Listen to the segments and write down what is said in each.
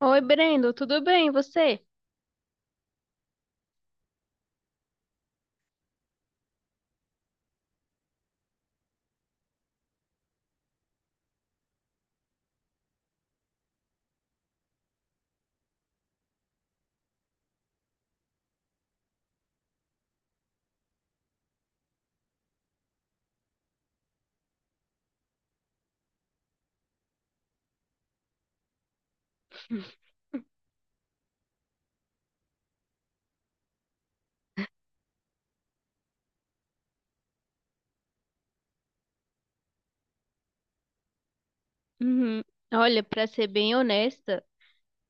Oi, Brendo, tudo bem? E você? Uhum. Olha, pra ser bem honesta,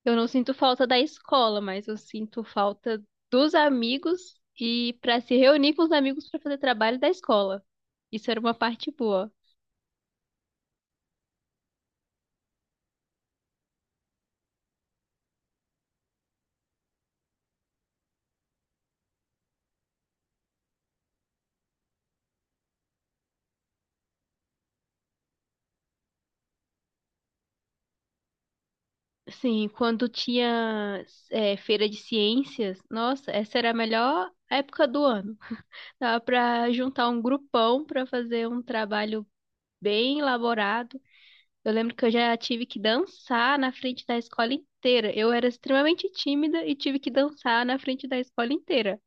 eu não sinto falta da escola, mas eu sinto falta dos amigos e pra se reunir com os amigos pra fazer trabalho da escola. Isso era uma parte boa. Sim, quando tinha feira de ciências, nossa, essa era a melhor época do ano. Dava pra juntar um grupão pra fazer um trabalho bem elaborado. Eu lembro que eu já tive que dançar na frente da escola inteira. Eu era extremamente tímida e tive que dançar na frente da escola inteira.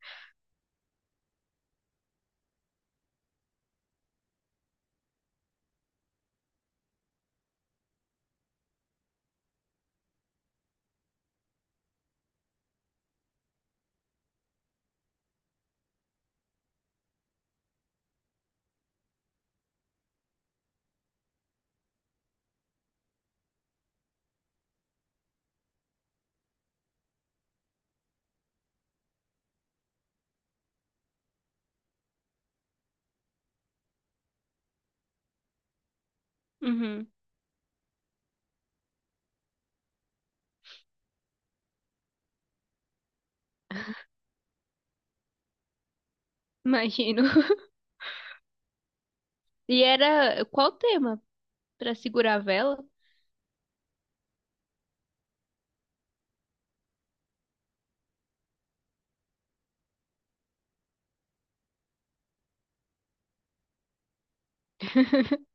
Uhum, imagino. E era qual o tema? Pra segurar a vela?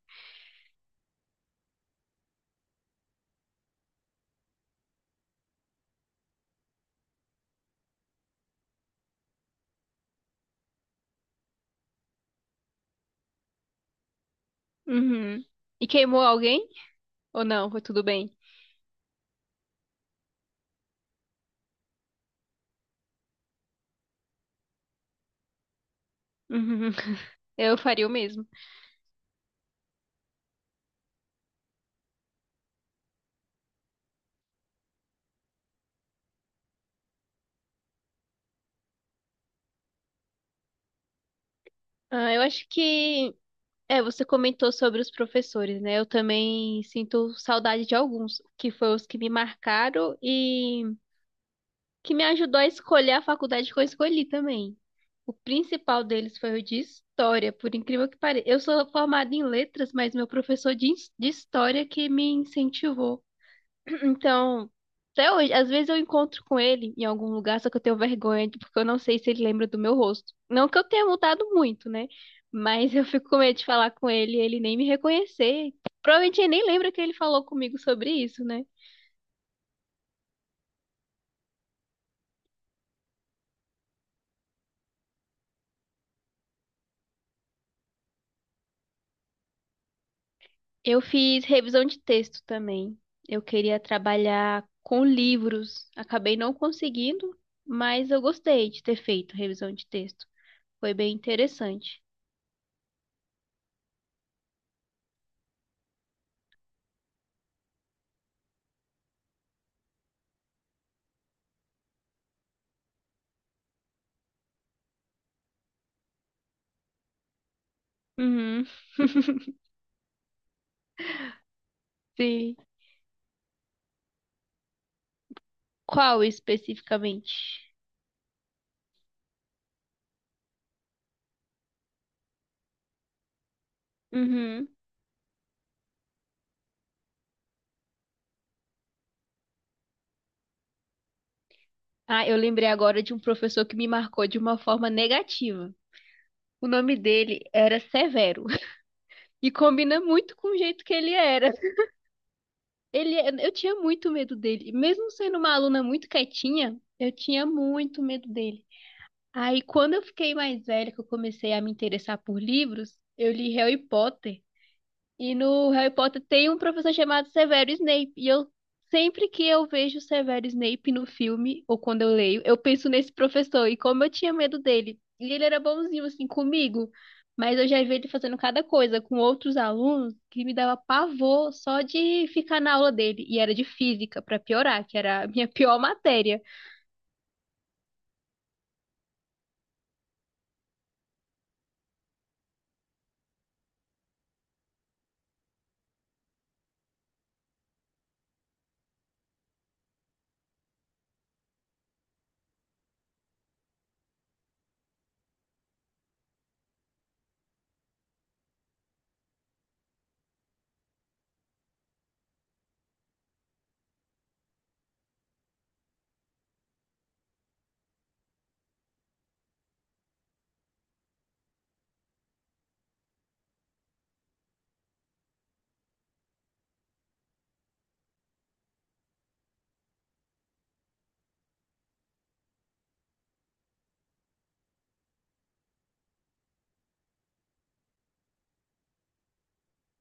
Uhum. E queimou alguém? Ou não? Foi tudo bem? Uhum. Eu faria o mesmo. Ah, eu acho que. É, você comentou sobre os professores, né? Eu também sinto saudade de alguns, que foram os que me marcaram e que me ajudou a escolher a faculdade que eu escolhi também. O principal deles foi o de história, por incrível que pareça. Eu sou formada em letras, mas meu professor de história que me incentivou. Então, até hoje, às vezes eu encontro com ele em algum lugar, só que eu tenho vergonha, porque eu não sei se ele lembra do meu rosto. Não que eu tenha mudado muito, né? Mas eu fico com medo de falar com ele e ele nem me reconhecer. Provavelmente ele nem lembra que ele falou comigo sobre isso, né? Eu fiz revisão de texto também. Eu queria trabalhar com livros. Acabei não conseguindo, mas eu gostei de ter feito revisão de texto. Foi bem interessante. Uhum, sim. Qual especificamente? Uhum. Ah, eu lembrei agora de um professor que me marcou de uma forma negativa. O nome dele era Severo e combina muito com o jeito que ele era. Ele, eu tinha muito medo dele. E mesmo sendo uma aluna muito quietinha, eu tinha muito medo dele. Aí, quando eu fiquei mais velha, que eu comecei a me interessar por livros, eu li Harry Potter. E no Harry Potter tem um professor chamado Severo Snape. E eu sempre que eu vejo o Severo Snape no filme, ou quando eu leio, eu penso nesse professor e como eu tinha medo dele. E ele era bonzinho assim comigo, mas eu já vi ele fazendo cada coisa com outros alunos que me dava pavor só de ficar na aula dele. E era de física, pra piorar, que era a minha pior matéria.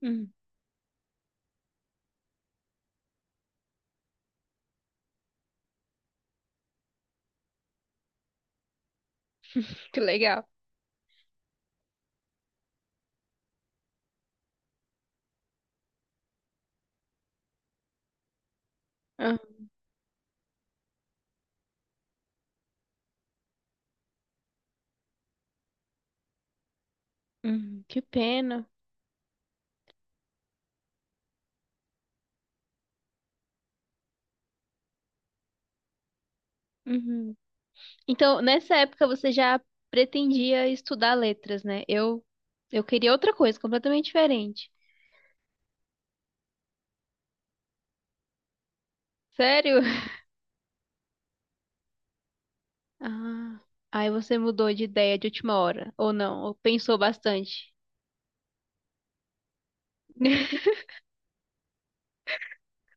Hum, que legal. Ah, que pena. Uhum. Então, nessa época você já pretendia estudar letras, né? Eu queria outra coisa, completamente diferente. Sério? Ah, aí você mudou de ideia de última hora, ou não? Ou pensou bastante?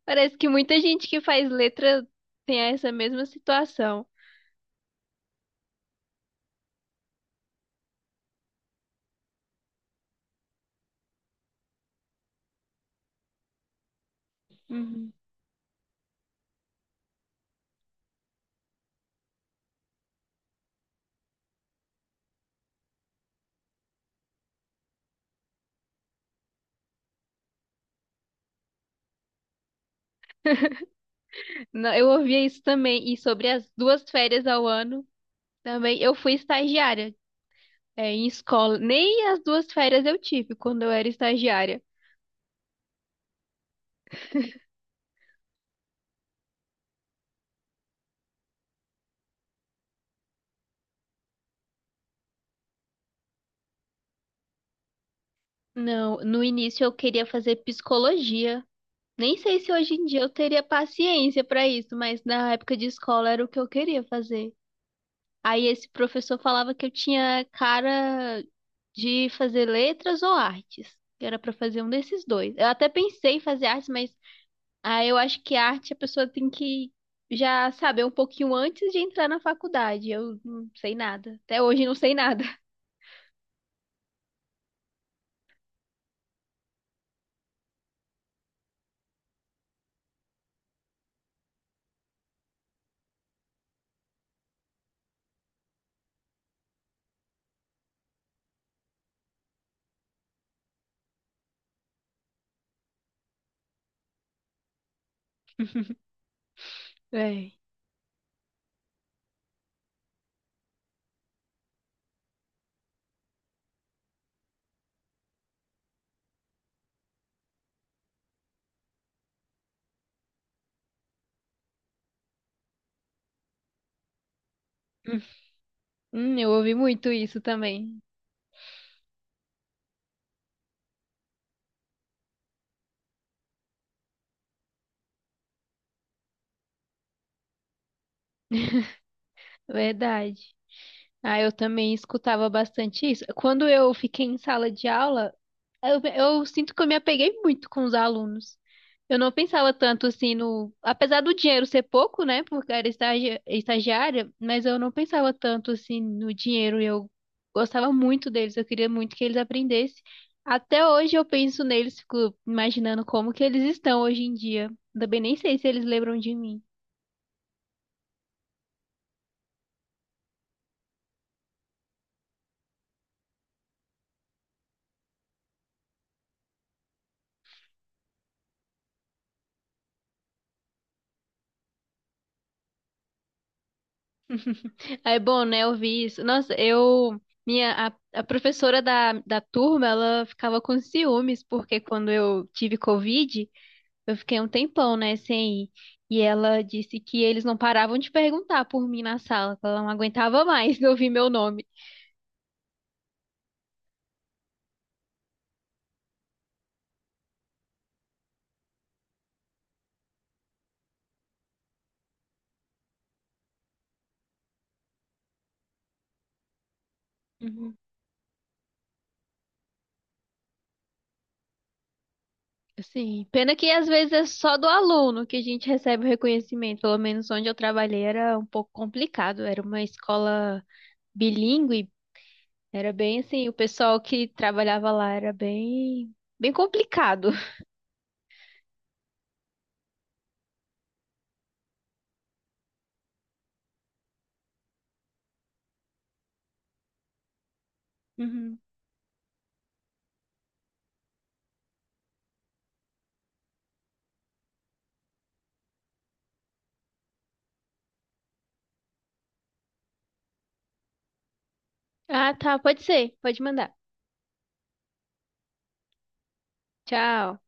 Parece que muita gente que faz letra tem essa mesma situação. Uhum. Não, eu ouvia isso também, e sobre as duas férias ao ano também. Eu fui estagiária, em escola. Nem as duas férias eu tive quando eu era estagiária. Não, no início eu queria fazer psicologia. Nem sei se hoje em dia eu teria paciência para isso, mas na época de escola era o que eu queria fazer. Aí esse professor falava que eu tinha cara de fazer letras ou artes, que era para fazer um desses dois. Eu até pensei em fazer artes, mas ah, eu acho que arte a pessoa tem que já saber um pouquinho antes de entrar na faculdade. Eu não sei nada. Até hoje não sei nada. É. Eu ouvi muito isso também. Verdade. Ah, eu também escutava bastante isso. Quando eu fiquei em sala de aula, eu sinto que eu me apeguei muito com os alunos. Eu não pensava tanto assim no. Apesar do dinheiro ser pouco, né? Porque era estagiária, mas eu não pensava tanto assim no dinheiro. Eu gostava muito deles, eu queria muito que eles aprendessem. Até hoje eu penso neles, fico imaginando como que eles estão hoje em dia. Também nem sei se eles lembram de mim. É bom, né? Eu vi isso. Nossa, eu. A professora da turma, ela ficava com ciúmes, porque quando eu tive Covid, eu fiquei um tempão, né, sem ir. E ela disse que eles não paravam de perguntar por mim na sala, que ela não aguentava mais ouvir meu nome. Uhum. Assim, pena que às vezes é só do aluno que a gente recebe o reconhecimento. Pelo menos onde eu trabalhei era um pouco complicado, era uma escola bilíngue. Era bem assim, o pessoal que trabalhava lá era bem complicado. Uhum. Ah, tá, pode ser, pode mandar. Tchau.